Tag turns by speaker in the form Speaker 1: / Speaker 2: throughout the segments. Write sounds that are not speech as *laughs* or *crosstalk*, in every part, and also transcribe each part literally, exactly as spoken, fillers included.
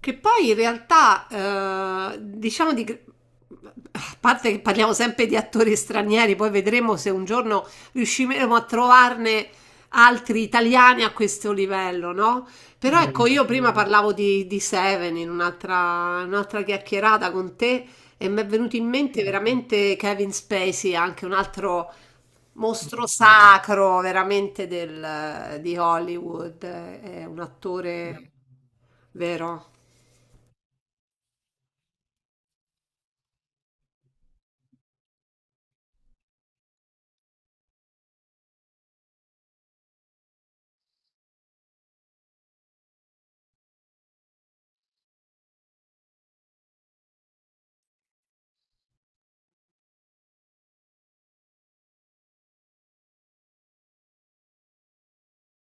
Speaker 1: Che poi in realtà, eh, diciamo di... A parte che parliamo sempre di attori stranieri, poi vedremo se un giorno riusciremo a trovarne altri italiani a questo livello, no? Però ecco, io prima parlavo di, di Seven in un'altra, un'altra chiacchierata con te e mi è venuto in mente veramente Kevin Spacey, anche un altro mostro sacro veramente del- di Hollywood, è un attore vero.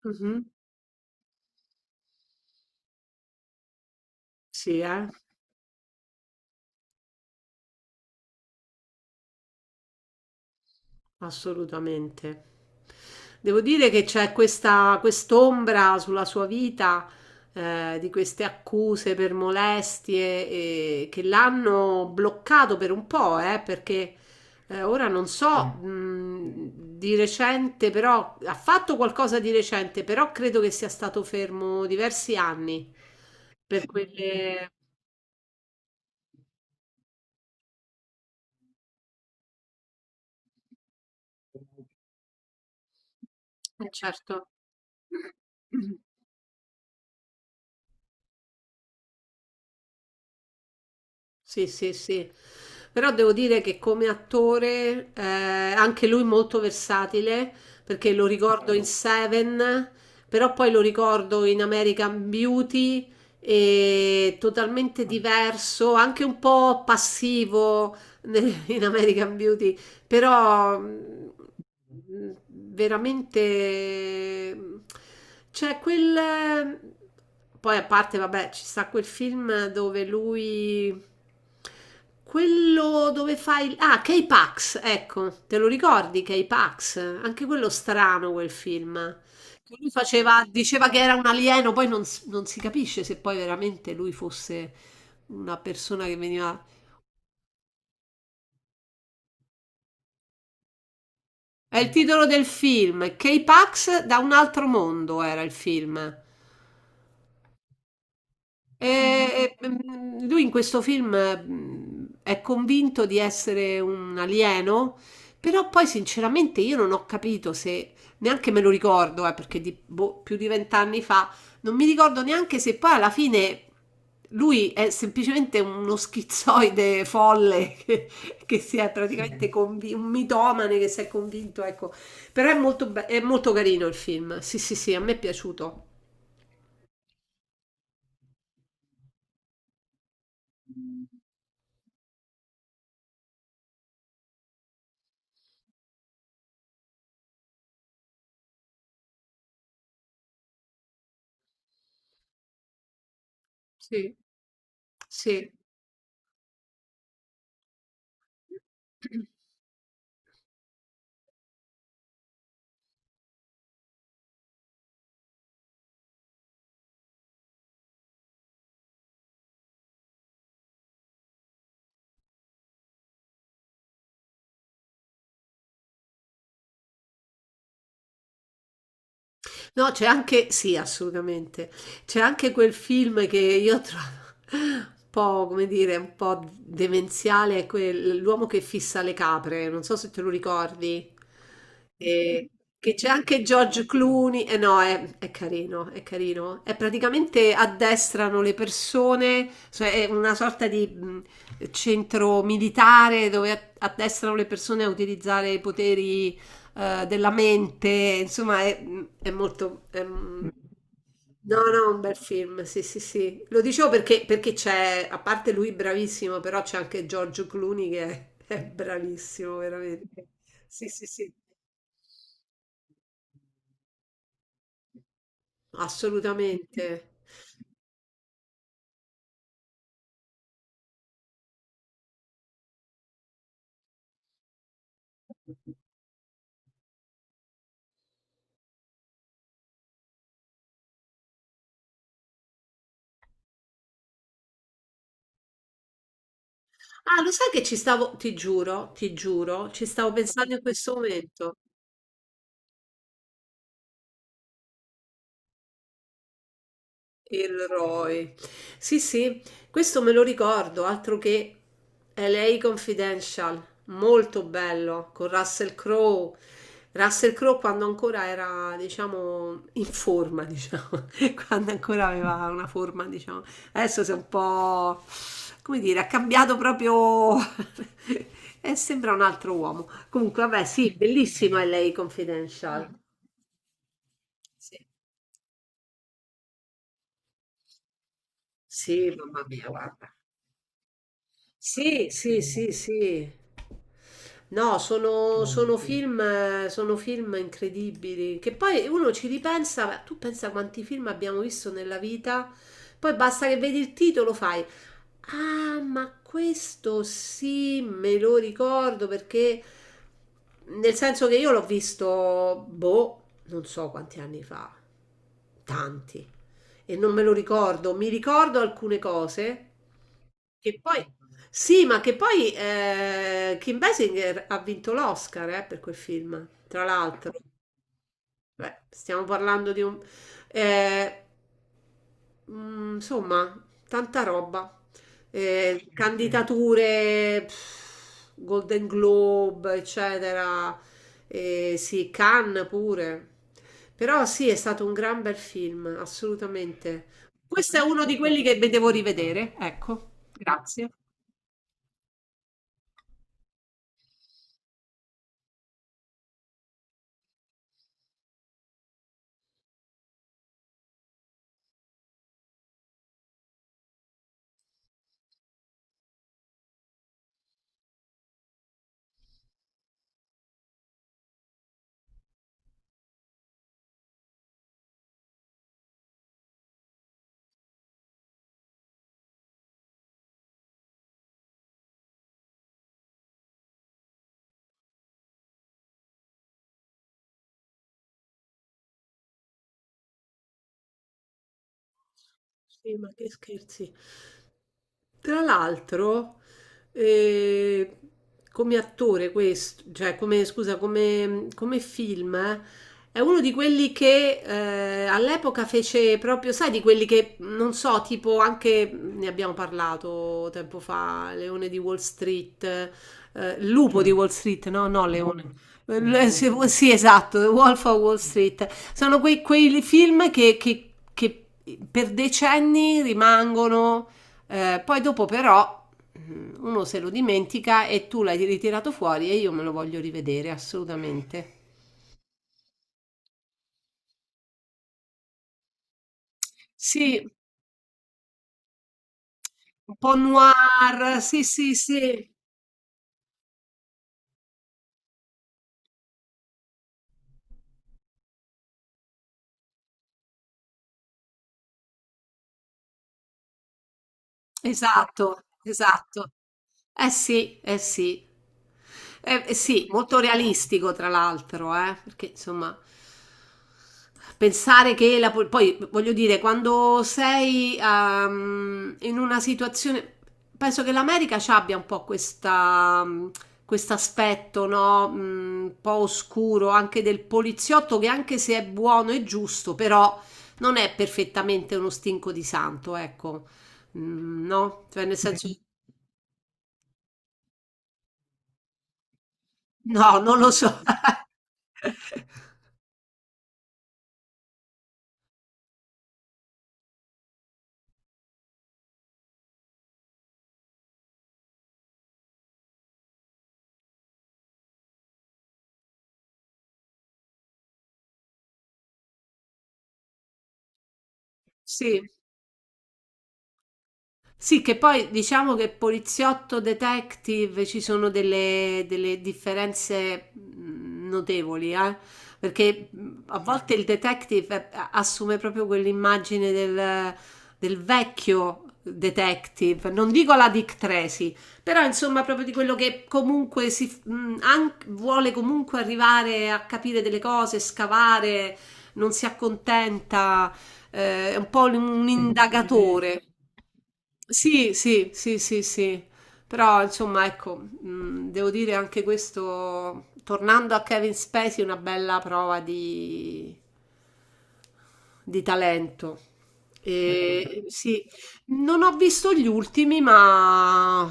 Speaker 1: Mhm. Sì, eh, assolutamente. Devo dire che c'è questa quest'ombra sulla sua vita, eh, di queste accuse per molestie, eh, che l'hanno bloccato per un po', eh, perché eh, ora non so, Mm. mh, di recente, però ha fatto qualcosa di recente, però credo che sia stato fermo diversi anni per quelle... eh, certo. *clears throat* Sì, sì, sì. Però devo dire che come attore, eh, anche lui molto versatile, perché lo ricordo in Seven, però poi lo ricordo in American Beauty, e totalmente diverso, anche un po' passivo nel- in American Beauty, però mh, veramente mh, c'è quel... Poi a parte, vabbè, ci sta quel film dove lui, quello dove fa il ah, K-Pax, ecco, te lo ricordi K-Pax? Anche quello strano quel film. Lui faceva, diceva che era un alieno, poi non, s- non si capisce se poi veramente lui fosse una persona che veniva... È il titolo del film, K-Pax da un altro mondo era il film. E, e, mm, lui in questo film mm, è convinto di essere un alieno, però poi sinceramente io non ho capito se, neanche me lo ricordo, eh, perché di- boh, più di vent'anni fa, non mi ricordo neanche se poi alla fine lui è semplicemente uno schizoide folle *laughs* che, che si è praticamente convi- un mitomane che si è convinto, ecco. Però è molto, be- è molto carino il film, sì sì sì, a me è piaciuto. Sì, sì. No, c'è anche, sì, assolutamente. C'è anche quel film che io *laughs* trovo un po', come dire, un po' demenziale, è quel- l'uomo che fissa le capre, non so se te lo ricordi. E- che c'è anche George Clooney, e no, è, è carino, è carino. È praticamente addestrano le persone, cioè è una sorta di mh, centro militare dove addestrano le persone a utilizzare i poteri eh, della mente, insomma è, è molto... è un- no, no, un bel film, sì, sì, sì. Lo dicevo perché, perché c'è, a parte lui bravissimo, però c'è anche Giorgio Clooney che è, è bravissimo, veramente. Sì, sì, sì, assolutamente. Ah, lo sai che ci stavo, ti giuro, ti giuro, ci stavo pensando in questo momento. Il Roy. Sì, sì, questo me lo ricordo, altro che L A Confidential, molto bello, con Russell Crowe. Russell Crowe quando ancora era, diciamo, in forma, diciamo, *laughs* quando ancora aveva una forma, diciamo. Adesso si è un po', come dire, ha cambiato proprio... *laughs* e sembra un altro uomo. Comunque, vabbè, sì, bellissimo L A Confidential. Sì, sì, sì, sì, sì. No, sono, sono. Sì, film, eh, sono film incredibili, che poi uno ci ripensa, ma tu pensa quanti film abbiamo visto nella vita, poi basta che vedi il titolo, fai, ah, ma questo sì, me lo ricordo perché, nel senso che io l'ho visto, boh, non so quanti anni fa, tanti, e non me lo ricordo. Mi ricordo alcune cose che poi, sì, ma che poi eh, Kim Basinger ha vinto l'Oscar eh, per quel film, tra l'altro. Beh, stiamo parlando di un... eh, Mm, insomma, tanta roba. Eh, Mm. Candidature, pff, Golden Globe, eccetera. Eh, sì, Cannes pure. Però sì, è stato un gran bel film, assolutamente. Questo è uno di quelli che devo rivedere. Ecco, grazie. Sì, ma che scherzi. Tra l'altro, eh, come attore questo, cioè come, scusa, come, come film, eh, è uno di quelli che eh, all'epoca fece proprio, sai, di quelli che, non so, tipo anche, ne abbiamo parlato tempo fa, Leone di Wall Street, eh, Lupo di Wall Street, no, no, Leone. Eh, Sì, sì, esatto, The Wolf of Wall Street. Sono quei, quei film che, che- che per decenni rimangono, eh, poi dopo però mm, uno se lo dimentica e tu l'hai ritirato fuori e io me lo voglio rivedere assolutamente. Sì, un po' noir, sì, sì, sì. Esatto, esatto. Eh sì, eh sì. Eh, eh sì, molto realistico tra l'altro, eh, perché insomma, pensare che la... pol- poi voglio dire, quando sei ehm, in una situazione... Penso che l'America ci abbia un po' questa, mh, questo aspetto, no? Mh, Un po' oscuro anche del poliziotto che anche se è buono e giusto, però non è perfettamente uno stinco di santo, ecco. Mhmm, no, cioè nel senso no, non lo so. *laughs* Sì. Sì, che poi diciamo che poliziotto, detective ci sono delle, delle differenze mh, notevoli, eh? Perché mh, a volte il detective eh, assume proprio quell'immagine del, del vecchio detective, non dico la Dick Tracy, però insomma proprio di quello che comunque si, mh, an- vuole comunque arrivare a capire delle cose, scavare, non si accontenta, eh, è un po' un un sì, sì, sì, indagatore. Sì, sì, sì, sì, sì. Però insomma, ecco, mh, devo dire anche questo, tornando a Kevin Spacey, una bella prova di, di talento. E, *laughs* sì, non ho visto gli ultimi, ma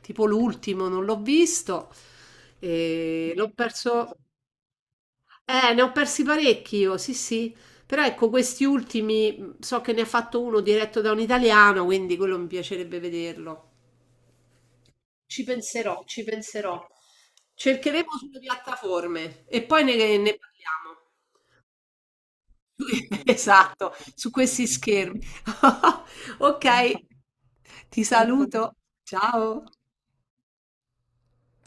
Speaker 1: tipo l'ultimo non l'ho visto. E l'ho perso. Eh, ne ho persi parecchi io, sì, sì. Però ecco, questi ultimi, mh, so che ne ha fatto uno diretto da un italiano, quindi quello mi piacerebbe vederlo. Ci penserò, ci penserò. Cercheremo sulle piattaforme e poi ne, ne parliamo. *laughs* Esatto, su questi schermi. *laughs* Ok, ti saluto. Ciao.